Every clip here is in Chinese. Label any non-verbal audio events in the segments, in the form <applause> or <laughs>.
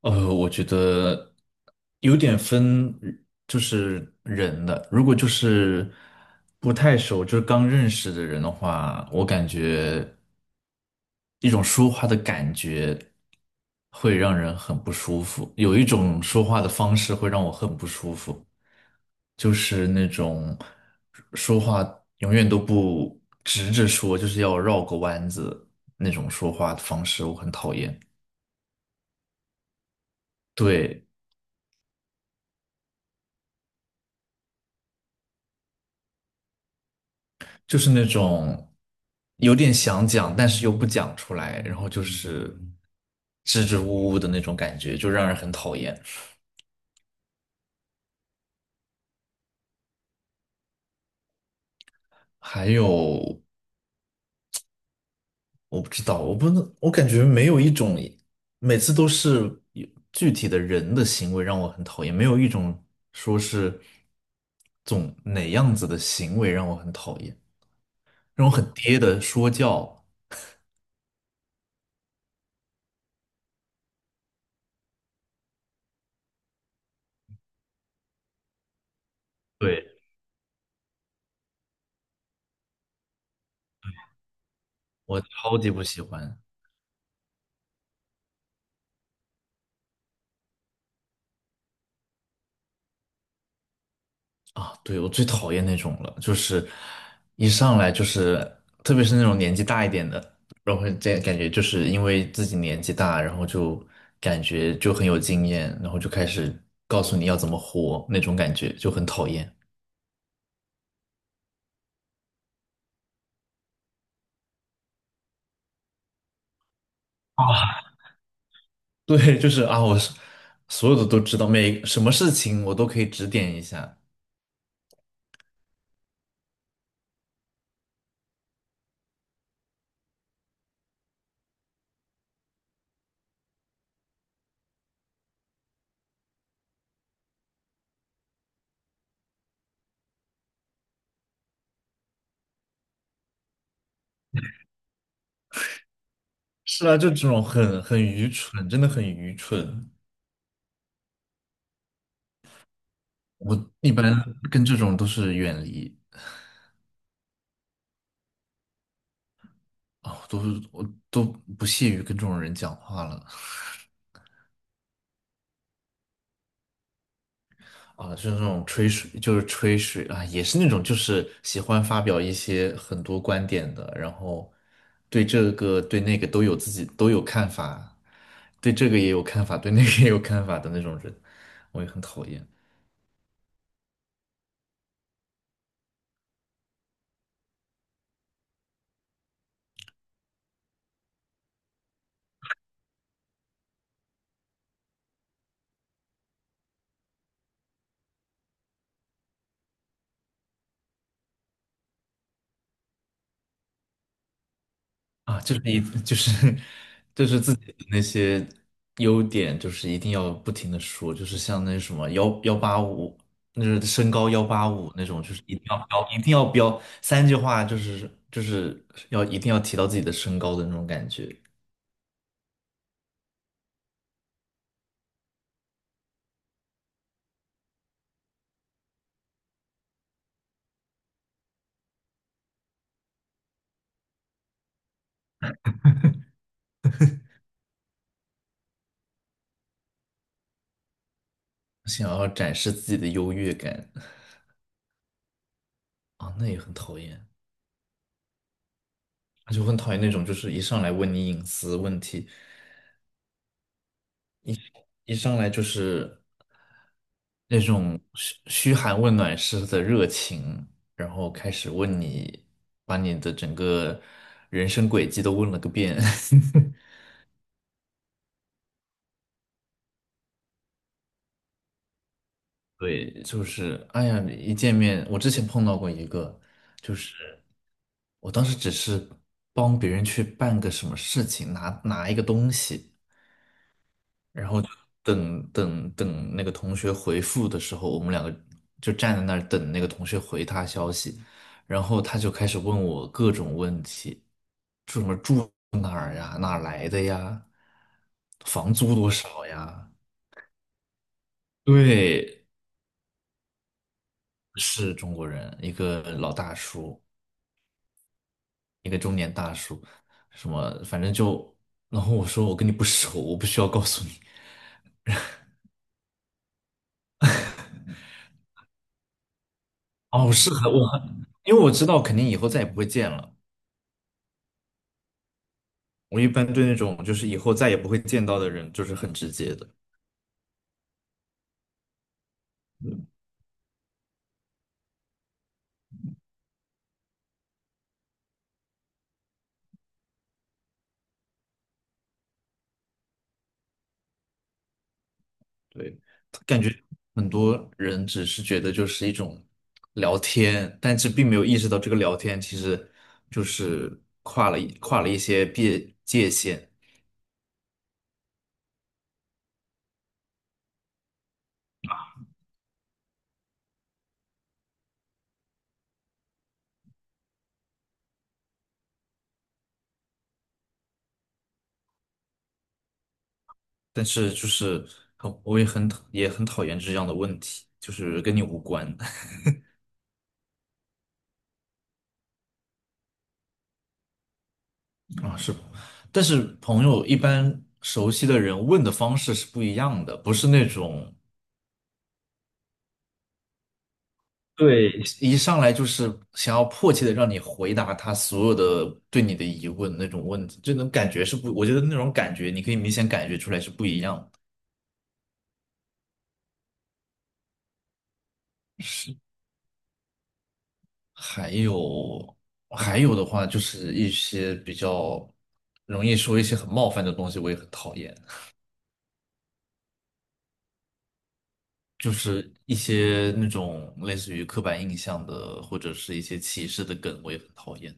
我觉得有点分，就是人的。如果就是不太熟，就是刚认识的人的话，我感觉一种说话的感觉会让人很不舒服，有一种说话的方式会让我很不舒服，就是那种说话永远都不直着说，就是要绕个弯子那种说话的方式，我很讨厌。对，就是那种有点想讲，但是又不讲出来，然后就是支支吾吾的那种感觉，就让人很讨厌。还有，我不知道，我不能，我感觉没有一种，每次都是有具体的人的行为让我很讨厌，没有一种说是总哪样子的行为让我很讨厌，那种很爹的说教，对，我超级不喜欢。啊，对，我最讨厌那种了，就是一上来就是，特别是那种年纪大一点的，然后这感觉就是因为自己年纪大，然后就感觉就很有经验，然后就开始告诉你要怎么活，那种感觉就很讨厌。啊，<laughs> 对，就是啊，我是所有的都知道，每什么事情我都可以指点一下。是啊，就这种很愚蠢，真的很愚蠢。我一般跟这种都是远离。啊，我都不屑于跟这种人讲话了啊，就是那种吹水，就是吹水啊，也是那种就是喜欢发表一些很多观点的，然后对这个对那个都有自己都有看法，对这个也有看法，对那个也有看法的那种人，我也很讨厌。啊，就是一 <laughs> 就是自己的那些优点，就是一定要不停的说，就是像那什么1185，那是身高幺八五那种，就是一定要标，一定要标3句话，就是要一定要提到自己的身高的那种感觉，想要展示自己的优越感啊，那也很讨厌，就很讨厌那种就是一上来问你隐私问题，一上来就是。那种嘘嘘寒问暖式的热情，然后开始问你，把你的整个人生轨迹都问了个遍。<laughs> 对，就是哎呀，一见面，我之前碰到过一个，就是我当时只是帮别人去办个什么事情，拿一个东西。然后就等那个同学回复的时候，我们2个就站在那儿等那个同学回他消息，然后他就开始问我各种问题，住什么住哪儿呀，哪儿来的呀，房租多少呀？对，是中国人，一个老大叔，一个中年大叔，什么反正就，然后我说我跟你不熟，我不需要告诉你。哦，是很我，因为我知道肯定以后再也不会见了。我一般对那种就是以后再也不会见到的人，就是很直接的。对，感觉很多人只是觉得就是一种聊天，但是并没有意识到这个聊天其实就是跨了一些界限。但是就是很我也很讨厌这样的问题，就是跟你无关 <laughs> 啊，是吧但是朋友一般熟悉的人问的方式是不一样的，不是那种。对，一上来就是想要迫切的让你回答他所有的对你的疑问那种问题，这种感觉是不，我觉得那种感觉你可以明显感觉出来是不一样的。还有还有的话，就是一些比较容易说一些很冒犯的东西，我也很讨厌，就是一些那种类似于刻板印象的或者是一些歧视的梗，我也很讨厌。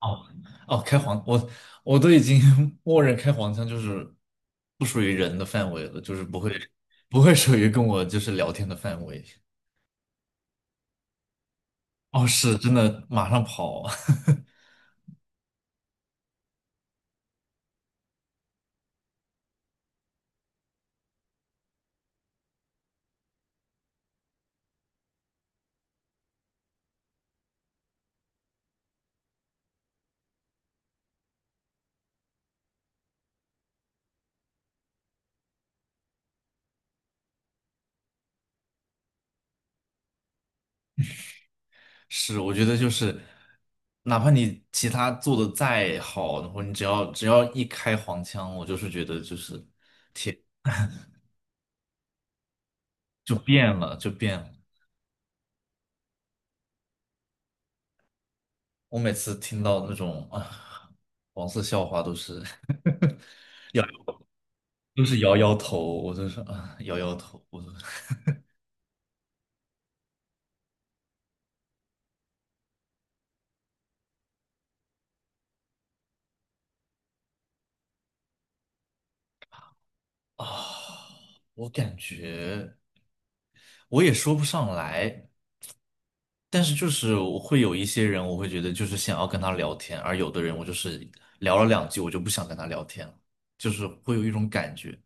哦哦，开黄，我我都已经 <laughs> 默认开黄腔就是不属于人的范围了，就是不会属于跟我就是聊天的范围。哦，是真的，马上跑。<laughs> 是，我觉得就是，哪怕你其他做的再好，然后你只要一开黄腔，我就是觉得就是就变了，就变了。我每次听到那种啊黄色笑话，都是 <laughs> 摇都是摇摇头，我就是啊摇摇头，我都啊，我感觉我也说不上来，但是就是我会有一些人，我会觉得就是想要跟他聊天，而有的人我就是聊了2句，我就不想跟他聊天了，就是会有一种感觉。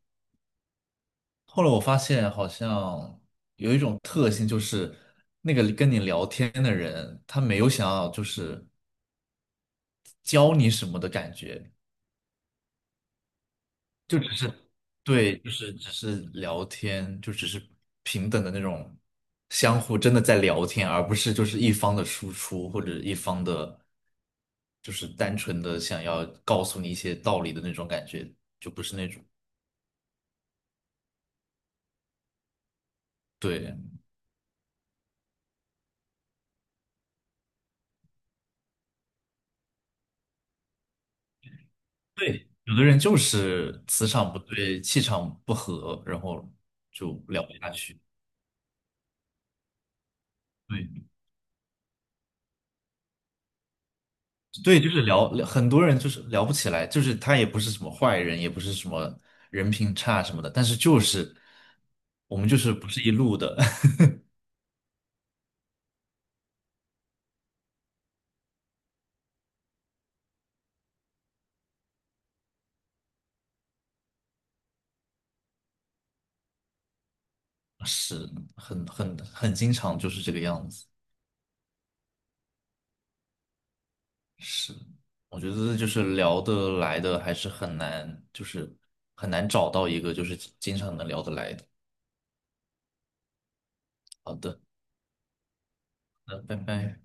后来我发现好像有一种特性，就是那个跟你聊天的人，他没有想要就是教你什么的感觉，是。对，就是只是聊天，就只是平等的那种相互真的在聊天，而不是就是一方的输出或者一方的，就是单纯的想要告诉你一些道理的那种感觉，就不是那种。对对，有的人就是磁场不对，气场不合，然后就聊不下去。对。对，就是聊，很多人就是聊不起来，就是他也不是什么坏人，也不是什么人品差什么的，但是就是我们就是不是一路的，<laughs> 是很经常就是这个样子。是，我觉得就是聊得来的还是很难，就是很难找到一个就是经常能聊得来的。好的，那拜拜。